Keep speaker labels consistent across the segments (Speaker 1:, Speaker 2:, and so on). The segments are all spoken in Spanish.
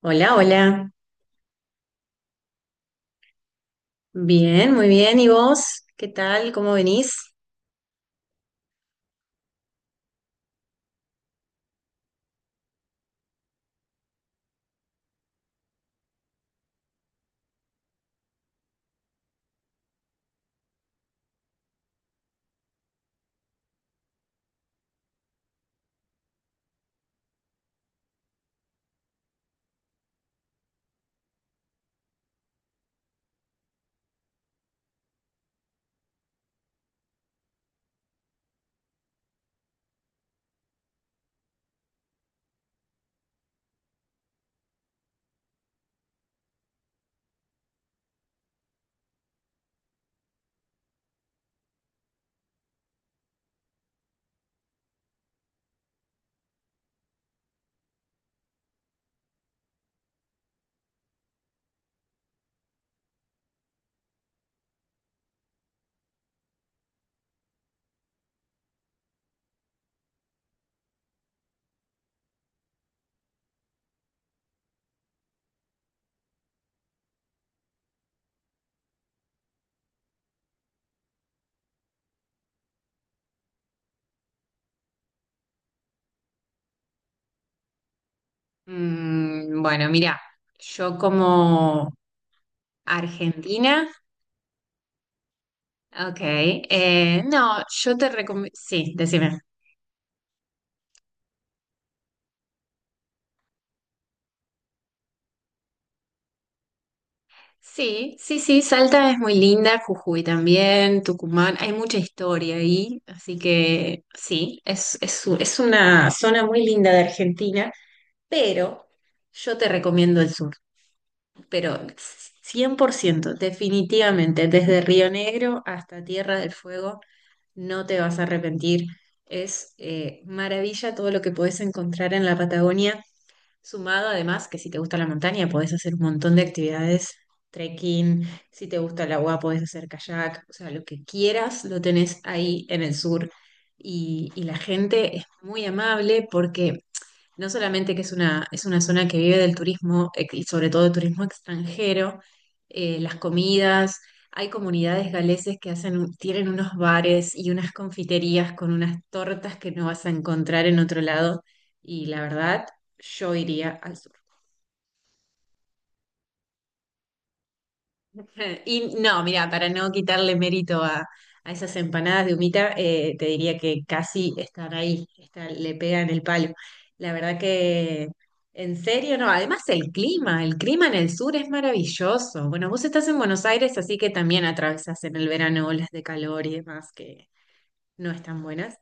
Speaker 1: Hola, hola. Bien, muy bien. ¿Y vos? ¿Qué tal? ¿Cómo venís? Bueno, mira, yo como argentina, ok, no, yo te recomiendo, sí, decime. Sí, sí, sí, Salta es muy linda, Jujuy también, Tucumán, hay mucha historia ahí, así que sí, es una zona muy linda de Argentina, pero yo te recomiendo el sur. Pero 100% definitivamente, desde Río Negro hasta Tierra del Fuego, no te vas a arrepentir. Es maravilla todo lo que podés encontrar en la Patagonia, sumado además que si te gusta la montaña podés hacer un montón de actividades, trekking, si te gusta el agua podés hacer kayak, o sea, lo que quieras lo tenés ahí en el sur. Y la gente es muy amable porque no solamente que es una zona que vive del turismo y sobre todo del turismo extranjero, las comidas, hay comunidades galeses que hacen, tienen unos bares y unas confiterías con unas tortas que no vas a encontrar en otro lado y la verdad, yo iría al sur. Y no, mira, para no quitarle mérito a esas empanadas de humita, te diría que casi están ahí, le pegan el palo. La verdad que, en serio, no. Además, el clima en el sur es maravilloso. Bueno, vos estás en Buenos Aires, así que también atravesás en el verano olas de calor y demás que no están buenas.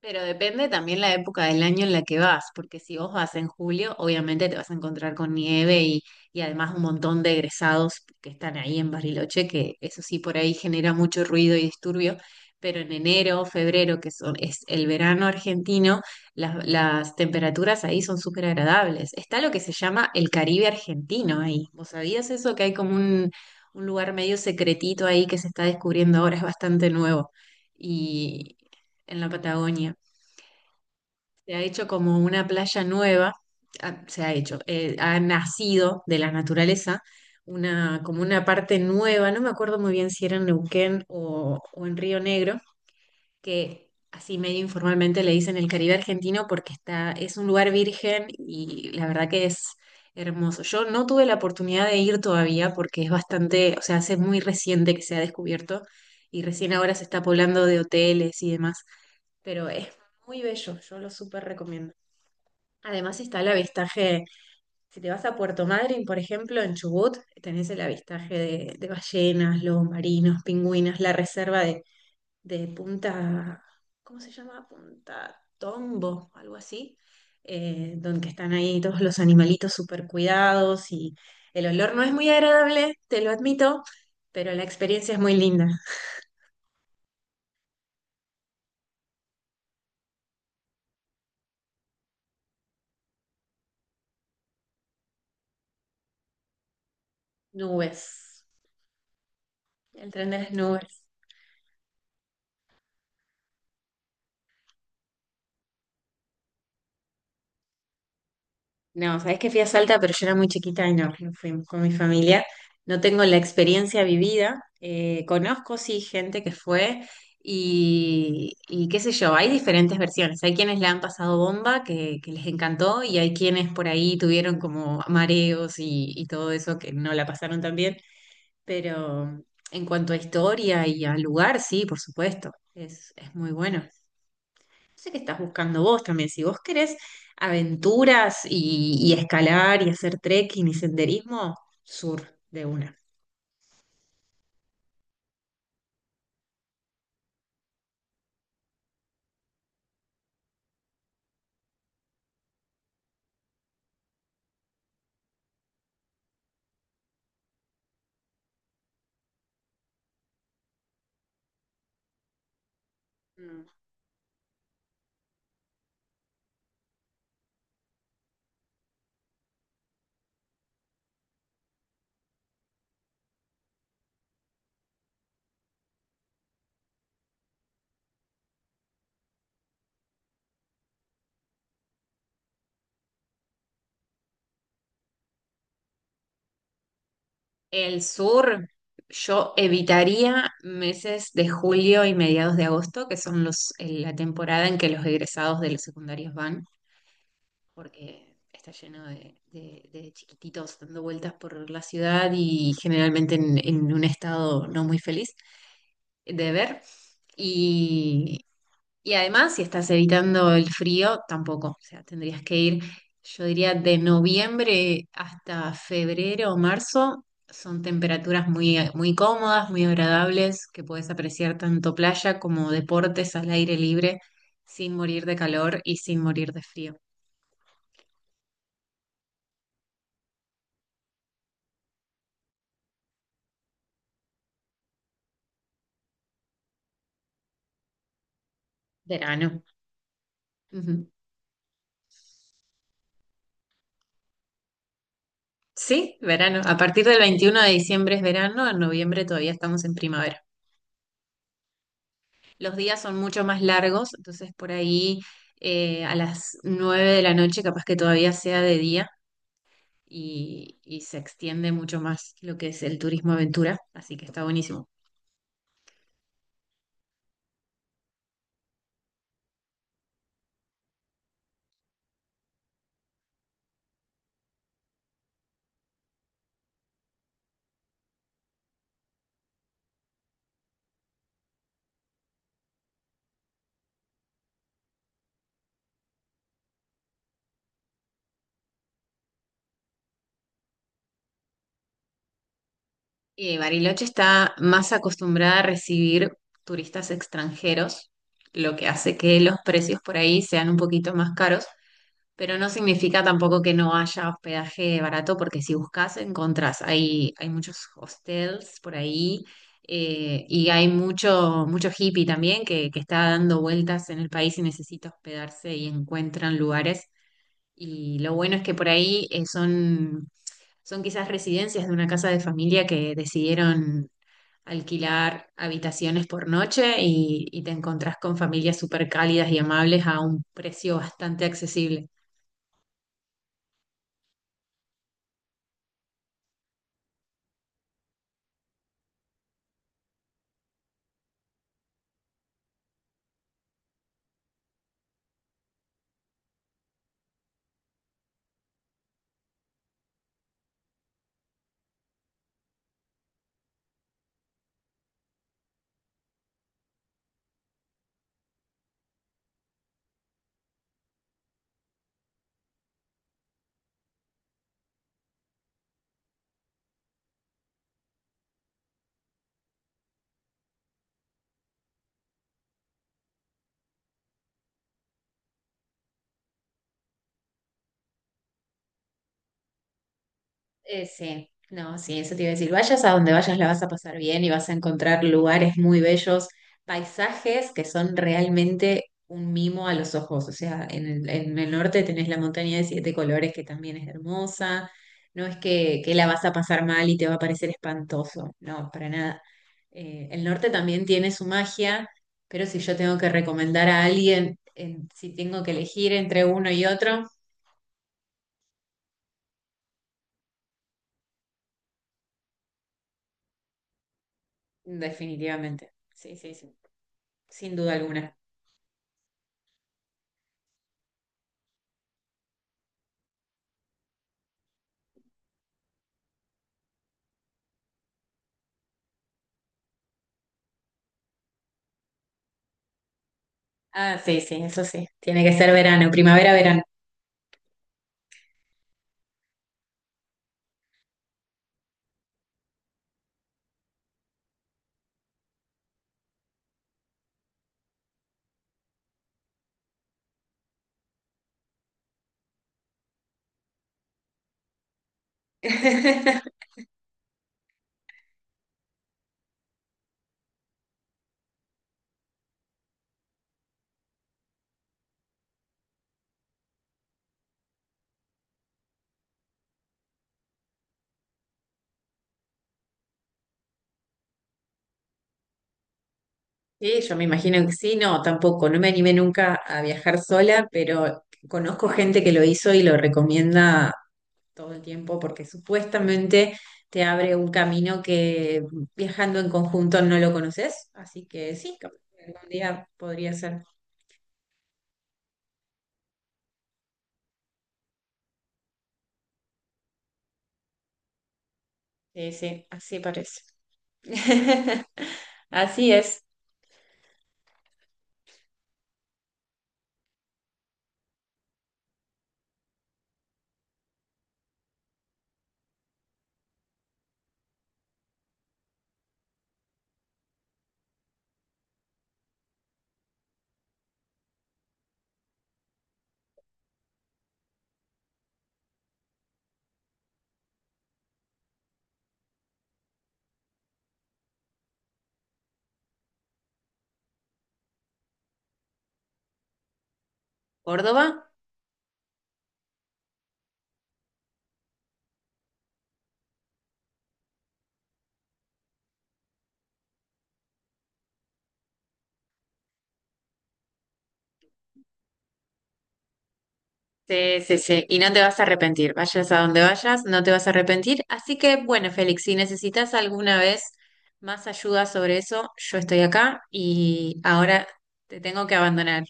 Speaker 1: Pero depende también la época del año en la que vas, porque si vos vas en julio, obviamente te vas a encontrar con nieve y además un montón de egresados que están ahí en Bariloche, que eso sí por ahí genera mucho ruido y disturbio, pero en enero, febrero, es el verano argentino, las temperaturas ahí son súper agradables. Está lo que se llama el Caribe argentino ahí. ¿Vos sabías eso? Que hay un lugar medio secretito ahí que se está descubriendo ahora, es bastante nuevo. Y en la Patagonia. Se ha hecho como una playa nueva, ah, se ha hecho, ha nacido de la naturaleza una, como una parte nueva, no me acuerdo muy bien si era en Neuquén o en Río Negro, que así medio informalmente le dicen el Caribe argentino porque está, es un lugar virgen y la verdad que es hermoso. Yo no tuve la oportunidad de ir todavía porque es bastante, o sea, hace muy reciente que se ha descubierto y recién ahora se está poblando de hoteles y demás, pero es muy bello, yo lo súper recomiendo. Además está el avistaje, si te vas a Puerto Madryn, por ejemplo, en Chubut, tenés el avistaje de ballenas, lobos marinos, pingüinos, la reserva de Punta, ¿cómo se llama? Punta Tombo, algo así, donde están ahí todos los animalitos súper cuidados y el olor no es muy agradable, te lo admito, pero la experiencia es muy linda. Nubes, el tren de las nubes. No, sabes que fui a Salta, pero yo era muy chiquita y no, no fuimos con mi familia. No tengo la experiencia vivida. Conozco, sí, gente que fue y qué sé yo, hay diferentes versiones. Hay quienes la han pasado bomba, que les encantó, y hay quienes por ahí tuvieron como mareos y todo eso que no la pasaron tan bien. Pero en cuanto a historia y al lugar, sí, por supuesto, es muy bueno sé qué estás buscando vos también. Si vos querés aventuras y escalar y hacer trekking y senderismo, sur de una. Mm. El sur, yo evitaría meses de julio y mediados de agosto, que son los, la temporada en que los egresados de los secundarios van, porque está lleno de chiquititos dando vueltas por la ciudad y generalmente en un estado no muy feliz de ver. y Y además, si estás evitando el frío, tampoco. O sea, tendrías que ir, yo diría, de noviembre hasta febrero o marzo. Son temperaturas muy cómodas, muy agradables, que puedes apreciar tanto playa como deportes al aire libre sin morir de calor y sin morir de frío. Verano. Ujú. Sí, verano. A partir del 21 de diciembre es verano, en noviembre todavía estamos en primavera. Los días son mucho más largos, entonces por ahí a las 9 de la noche capaz que todavía sea de día y se extiende mucho más lo que es el turismo aventura, así que está buenísimo. Bariloche está más acostumbrada a recibir turistas extranjeros, lo que hace que los precios por ahí sean un poquito más caros. Pero no significa tampoco que no haya hospedaje barato, porque si buscas, encontrás. Hay muchos hostels por ahí y hay mucho, mucho hippie también que está dando vueltas en el país y necesita hospedarse y encuentran lugares. Y lo bueno es que por ahí son, son quizás residencias de una casa de familia que decidieron alquilar habitaciones por noche y te encontrás con familias súper cálidas y amables a un precio bastante accesible. Sí, no, sí, eso te iba a decir. Vayas a donde vayas, la vas a pasar bien y vas a encontrar lugares muy bellos, paisajes que son realmente un mimo a los ojos. O sea, en el norte tenés la montaña de 7 colores que también es hermosa. No es que la vas a pasar mal y te va a parecer espantoso, no, para nada. El norte también tiene su magia, pero si yo tengo que recomendar a alguien, si tengo que elegir entre uno y otro, definitivamente. Sí, sí, sí, sin duda alguna. Ah, sí, sí, eso sí. Tiene que ser verano, primavera, verano. Sí, yo me imagino que sí, no, tampoco. No me animé nunca a viajar sola, pero conozco gente que lo hizo y lo recomienda todo el tiempo porque supuestamente te abre un camino que viajando en conjunto no lo conoces. Así que sí, capaz que algún día podría ser. Sí, sí, así parece. Así es. ¿Córdoba? Sí, sí, sí, y no te vas a arrepentir, vayas a donde vayas, no te vas a arrepentir. Así que, bueno, Félix, si necesitas alguna vez más ayuda sobre eso, yo estoy acá y ahora te tengo que abandonar.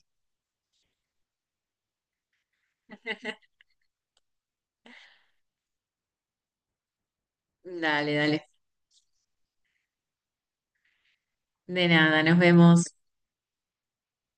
Speaker 1: Dale, dale. De nada, nos vemos.